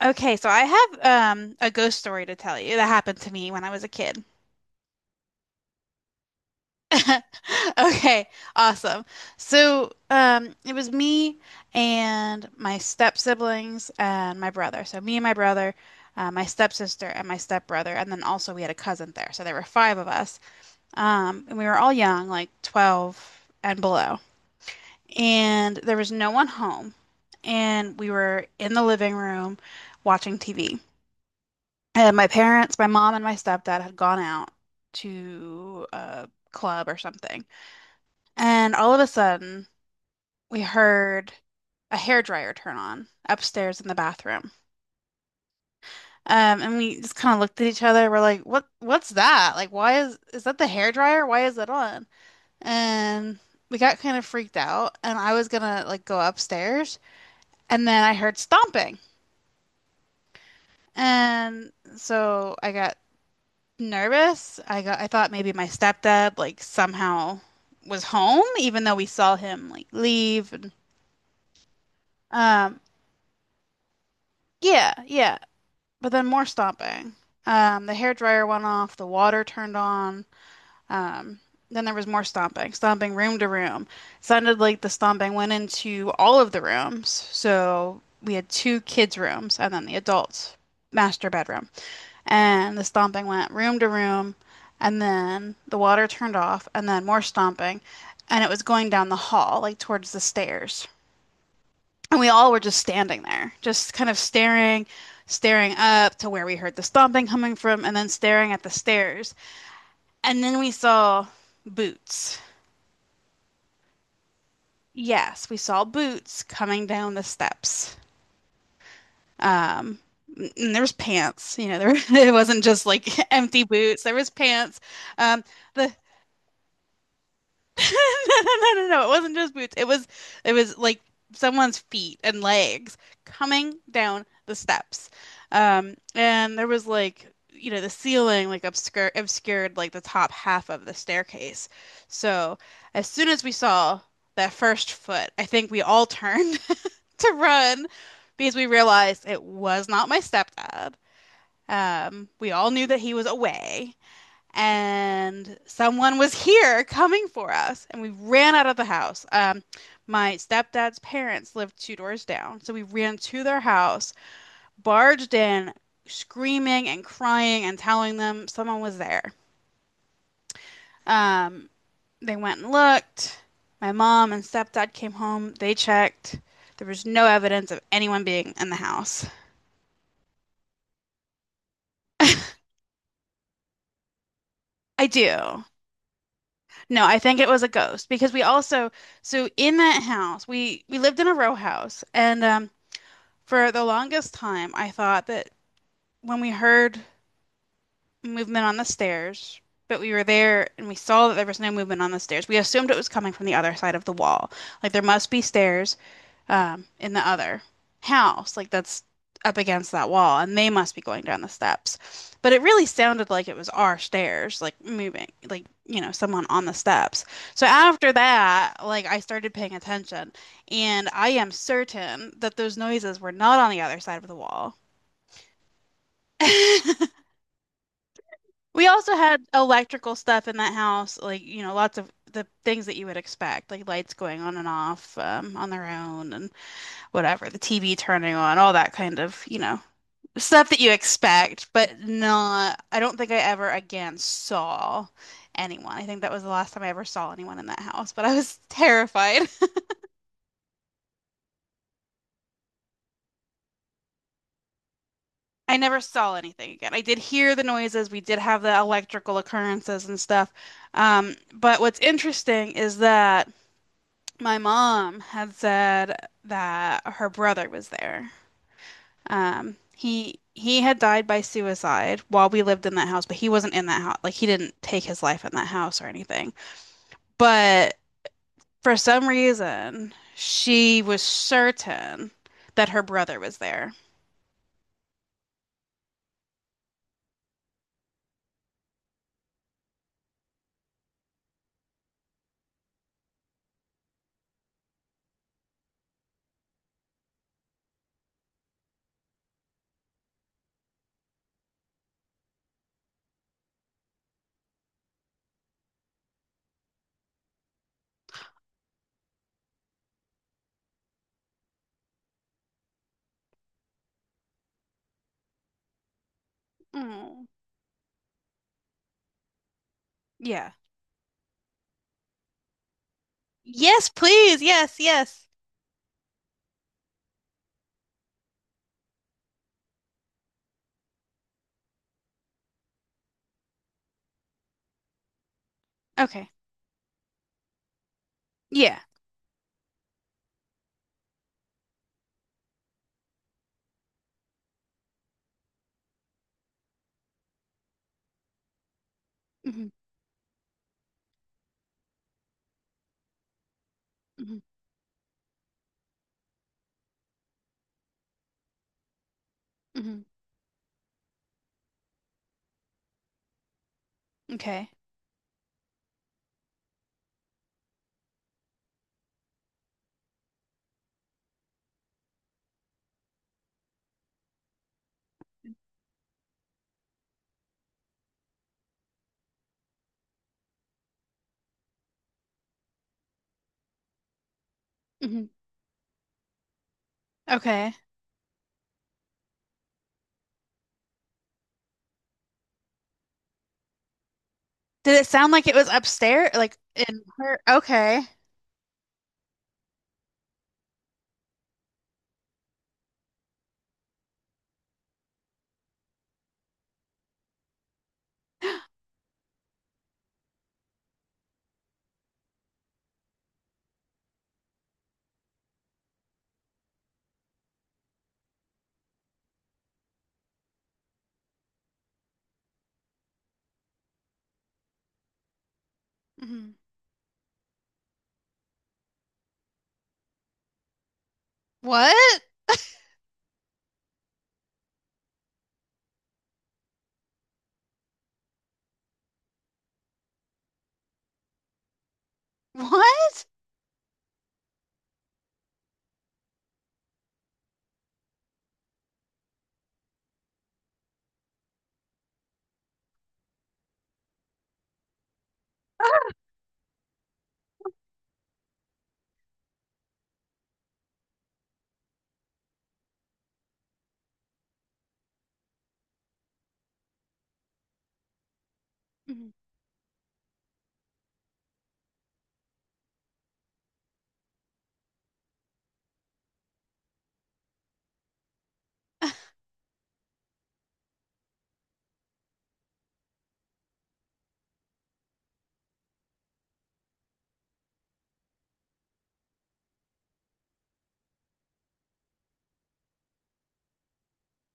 Okay, so I have a ghost story to tell you that happened to me when I was a kid. Okay, awesome. So it was me and my step siblings and my brother. So me and my brother, my stepsister and my stepbrother, and then also we had a cousin there. So there were five of us. And we were all young, like 12 and below. And there was no one home. And we were in the living room watching TV. And my parents, my mom and my stepdad had gone out to a club or something. And all of a sudden, we heard a hairdryer turn on upstairs in the bathroom. And we just kind of looked at each other. We're like, "What? What's that? Like, why is that the hairdryer? Why is it on?" And we got kind of freaked out. And I was gonna like go upstairs, and then I heard stomping. And so I got nervous. I thought maybe my stepdad like somehow was home, even though we saw him like leave and um yeah, yeah. But then more stomping. The hair dryer went off, the water turned on. Um then there was more stomping, stomping room to room. Sounded like the stomping went into all of the rooms. So we had two kids' rooms and then the adult master bedroom. And the stomping went room to room, and then the water turned off, and then more stomping, and it was going down the hall, like towards the stairs. And we all were just standing there, just kind of staring, staring up to where we heard the stomping coming from, and then staring at the stairs. And then we saw boots. Yes, we saw boots coming down the steps. Um, and there was pants, you know, there it wasn't just like empty boots. There was pants. Um, the No, no, no, no, no. It wasn't just boots. It was like someone's feet and legs coming down the steps. And there was like, you know, the ceiling like obscured like the top half of the staircase. So as soon as we saw that first foot, I think we all turned to run because we realized it was not my stepdad. We all knew that he was away and someone was here coming for us, and we ran out of the house. My stepdad's parents lived two doors down, so we ran to their house, barged in, screaming and crying and telling them someone was there. Um, they went and looked. My mom and stepdad came home. They checked. There was no evidence of anyone being in the house. I do. No, I think it was a ghost because we also so in that house we lived in a row house and For the longest time, I thought that when we heard movement on the stairs, but we were there and we saw that there was no movement on the stairs, we assumed it was coming from the other side of the wall. Like there must be stairs in the other house, like that's up against that wall, and they must be going down the steps. But it really sounded like it was our stairs, like moving, like, you know, someone on the steps. So after that, like I started paying attention, and I am certain that those noises were not on the other side of the wall. We also had electrical stuff in that house, like, you know, lots of the things that you would expect, like lights going on and off, on their own and whatever, the TV turning on, all that kind of, you know, stuff that you expect, but not, I don't think I ever again saw anyone. I think that was the last time I ever saw anyone in that house, but I was terrified. I never saw anything again. I did hear the noises. We did have the electrical occurrences and stuff. But what's interesting is that my mom had said that her brother was there. He had died by suicide while we lived in that house, but he wasn't in that house. Like he didn't take his life in that house or anything. But for some reason, she was certain that her brother was there. Oh, yeah. Yes, please. Yes, yes. Okay. Yeah. Hmm. Hmm. Hmm. Okay. Hmm. Okay. Did it sound like it was upstairs? Like in her? Okay. Mhm. What? What? Mhm.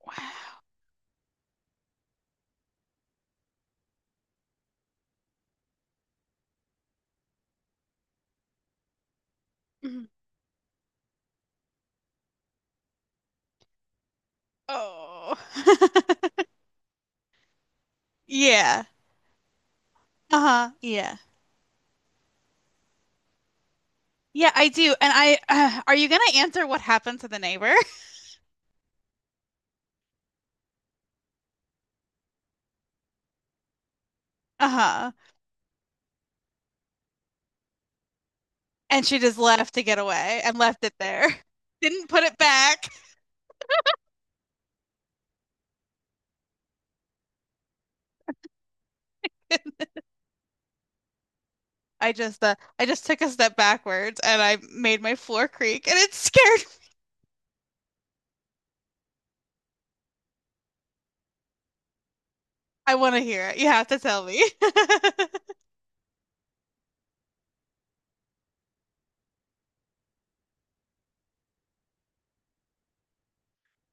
Wow. Mhm. Oh. Yeah. Uh-huh. Yeah. Yeah, I do. And are you gonna answer what happened to the neighbor? Uh-huh. And she just left to get away and left it there. Didn't put it back. I just took a step backwards and I made my floor creak and it scared me. I want to hear it. You have to tell me.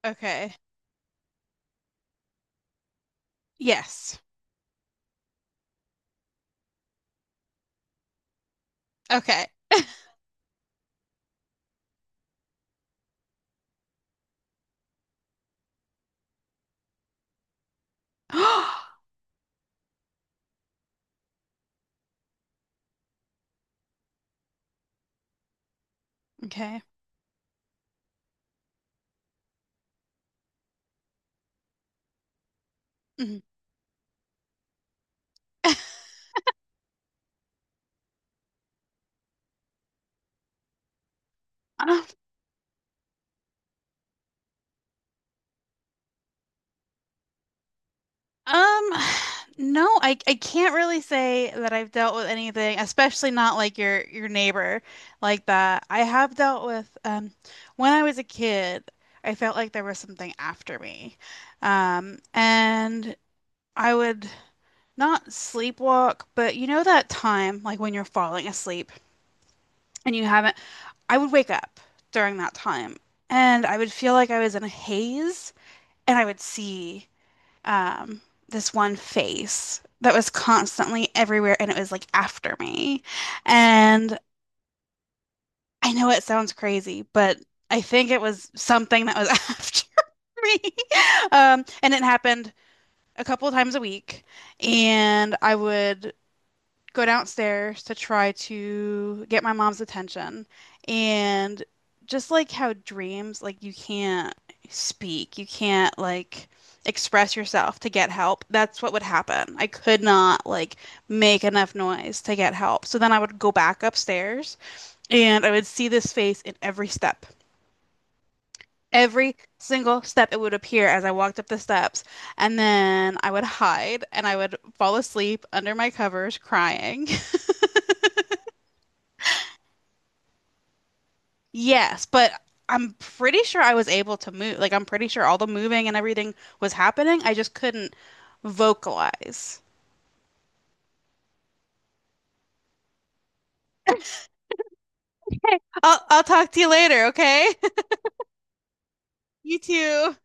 Okay. Yes. Okay. Okay. Mhm. Um, no, I can't really say that I've dealt with anything, especially not like your neighbor like that. I have dealt with when I was a kid, I felt like there was something after me. And I would not sleepwalk, but you know that time like when you're falling asleep and you haven't, I would wake up um, this one face that was constantly everywhere and it was like after me. And I know it sounds crazy, but I think it was something that was after me. And it happened a couple of times a week. And I would go downstairs to try to get my mom's attention. And just like how dreams, like you can't speak, you can't like express yourself to get help. That's what would happen. I could not like make enough noise to get help. So then I would go back upstairs and I would see this face in every step. Every single step it would appear as I walked up the steps, and then I would hide and I would fall asleep under my covers crying. Yes, but I'm pretty sure I was able to move. Like, I'm pretty sure all the moving and everything was happening. I just couldn't vocalize. I'll talk to you later, okay? You too.